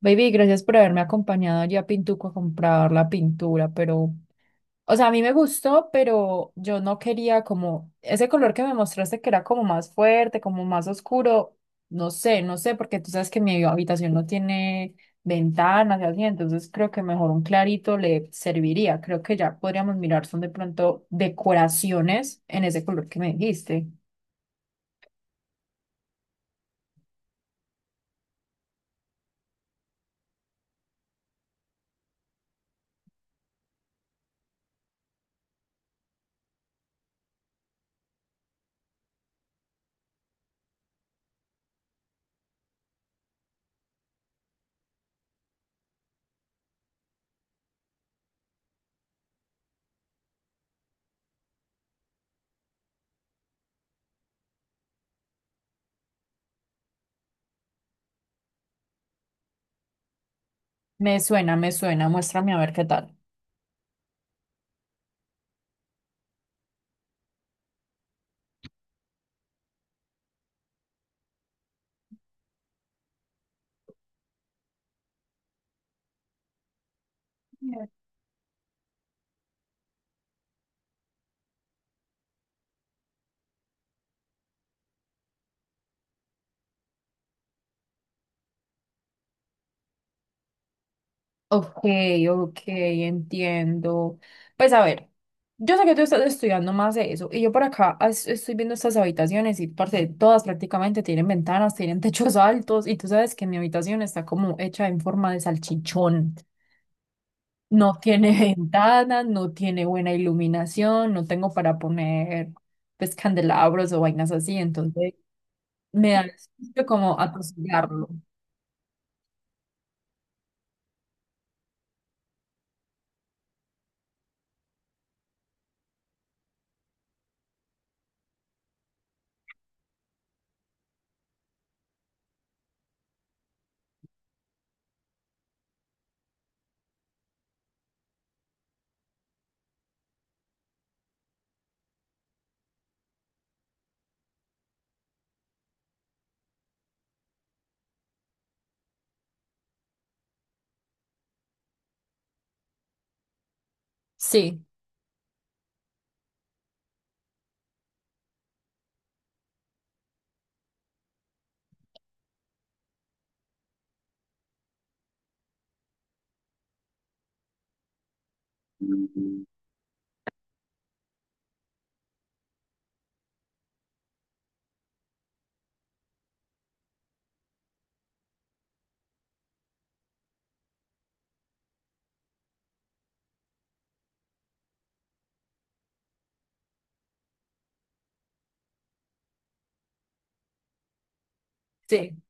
Baby, gracias por haberme acompañado allí a Pintuco a comprar la pintura, pero, o sea, a mí me gustó, pero yo no quería como ese color que me mostraste que era como más fuerte, como más oscuro, no sé, porque tú sabes que mi habitación no tiene ventanas y así, entonces creo que mejor un clarito le serviría. Creo que ya podríamos mirar, son de pronto decoraciones en ese color que me dijiste. Me suena, muéstrame a ver qué tal. Ok, ok, entiendo. Pues a ver, yo sé que tú estás estudiando más de eso y yo por acá estoy viendo estas habitaciones y parte todas prácticamente tienen ventanas, tienen techos altos y tú sabes que mi habitación está como hecha en forma de salchichón. No tiene ventanas, no tiene buena iluminación, no tengo para poner pues candelabros o vainas así, entonces me da el susto como atosigarlo. Sí, sí.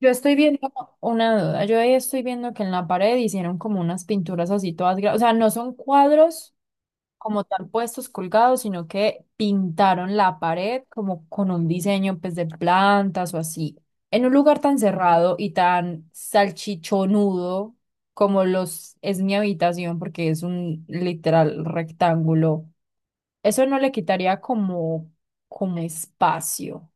Yo estoy viendo una duda, yo ahí estoy viendo que en la pared hicieron como unas pinturas así todas, o sea, no son cuadros como tal puestos colgados, sino que pintaron la pared como con un diseño pues de plantas o así. En un lugar tan cerrado y tan salchichonudo como los es mi habitación, porque es un literal rectángulo, eso no le quitaría como como espacio.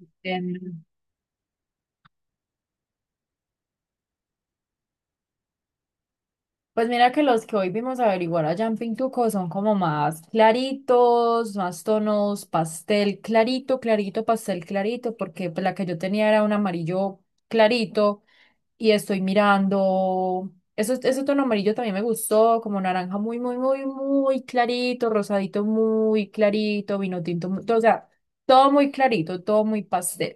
Entiendo. Pues mira que los que hoy vimos averiguar allá en Pintuco son como más claritos, más tonos, pastel clarito, clarito, pastel clarito, porque pues, la que yo tenía era un amarillo clarito y estoy mirando, eso, ese tono amarillo también me gustó, como naranja muy, muy, muy, muy clarito, rosadito muy clarito, vino tinto, o sea, todo muy clarito, todo muy pastel.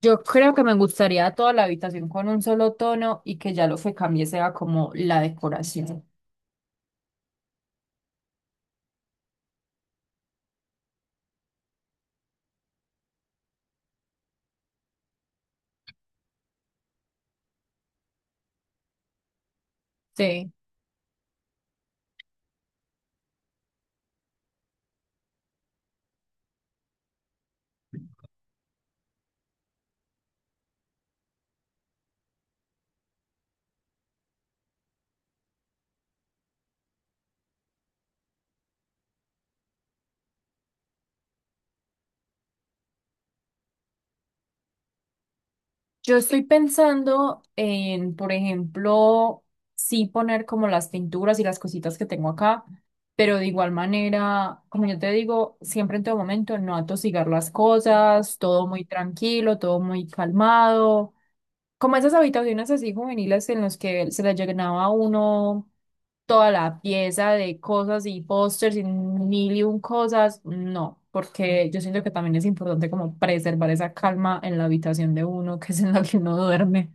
Yo creo que me gustaría toda la habitación con un solo tono y que ya lo que cambie sea como la decoración. Sí, yo estoy pensando en, por ejemplo, sí poner como las pinturas y las cositas que tengo acá, pero de igual manera, como yo te digo, siempre en todo momento no atosigar las cosas, todo muy tranquilo, todo muy calmado, como esas habitaciones así juveniles en las que se le llenaba a uno toda la pieza de cosas y pósters y mil y un cosas, no, porque yo siento que también es importante como preservar esa calma en la habitación de uno, que es en la que uno duerme.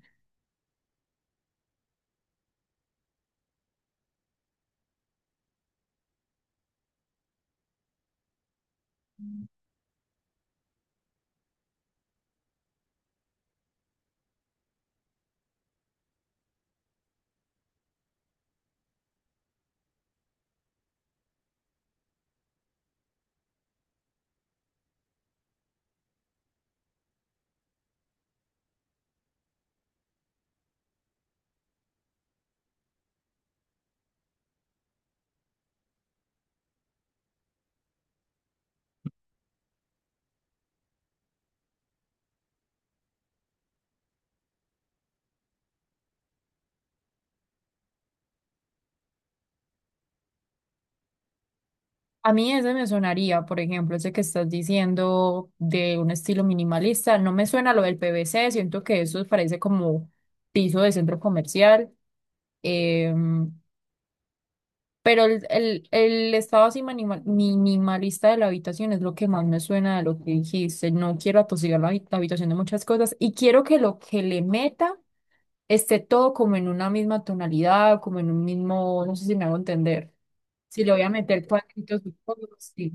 A mí ese me sonaría, por ejemplo, ese que estás diciendo de un estilo minimalista, no me suena lo del PVC, siento que eso parece como piso de centro comercial. Eh, Pero el estado así minimalista de la habitación es lo que más me suena de lo que dijiste. No quiero atosigar la habitación de muchas cosas y quiero que lo que le meta esté todo como en una misma tonalidad, como en un mismo, no sé si me hago entender. Si le voy a meter cuadritos y cosas, sí.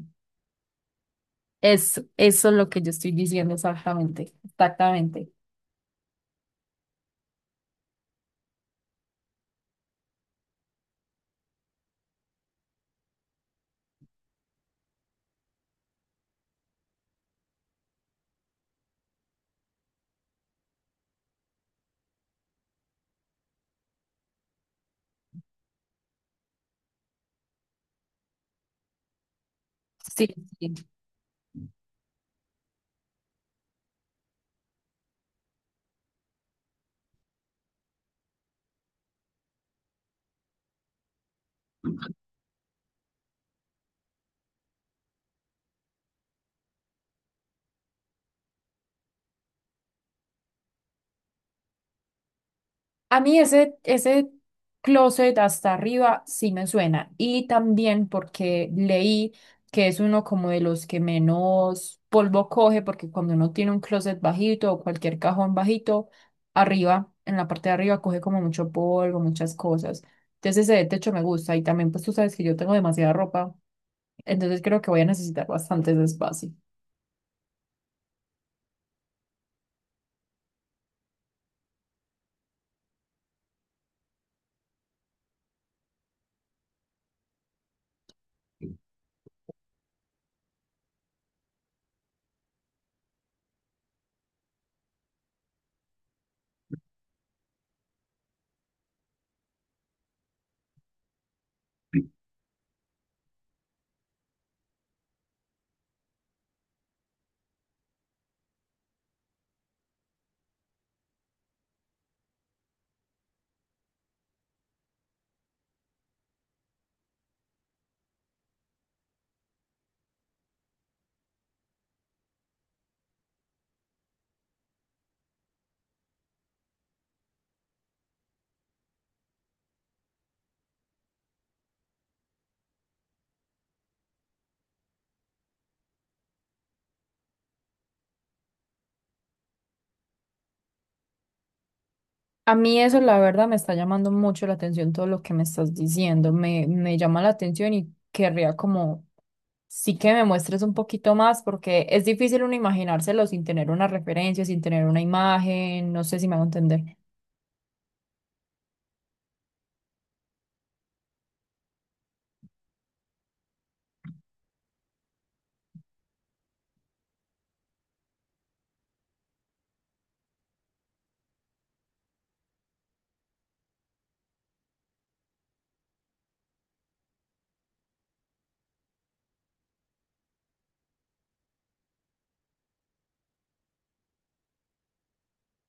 Eso es lo que yo estoy diciendo exactamente, exactamente. Sí, sí. A mí ese closet hasta arriba sí me suena. Y también porque leí que es uno como de los que menos polvo coge, porque cuando uno tiene un closet bajito o cualquier cajón bajito, arriba, en la parte de arriba coge como mucho polvo, muchas cosas. Entonces ese de techo me gusta. Y también pues tú sabes que yo tengo demasiada ropa, entonces creo que voy a necesitar bastantes espacio. A mí eso, la verdad, me está llamando mucho la atención todo lo que me estás diciendo. Me llama la atención y querría como sí que me muestres un poquito más porque es difícil uno imaginárselo sin tener una referencia, sin tener una imagen, no sé si me hago entender.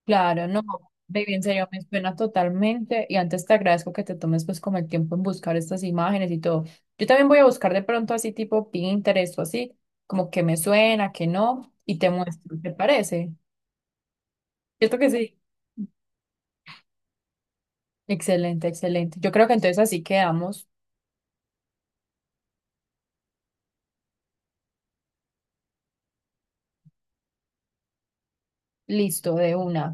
Claro, no, baby, en serio, me suena totalmente y antes te agradezco que te tomes pues como el tiempo en buscar estas imágenes y todo. Yo también voy a buscar de pronto así tipo Pinterest o así, como que me suena, que no, y te muestro, ¿te parece? Cierto que sí. Excelente, excelente. Yo creo que entonces así quedamos listo de una.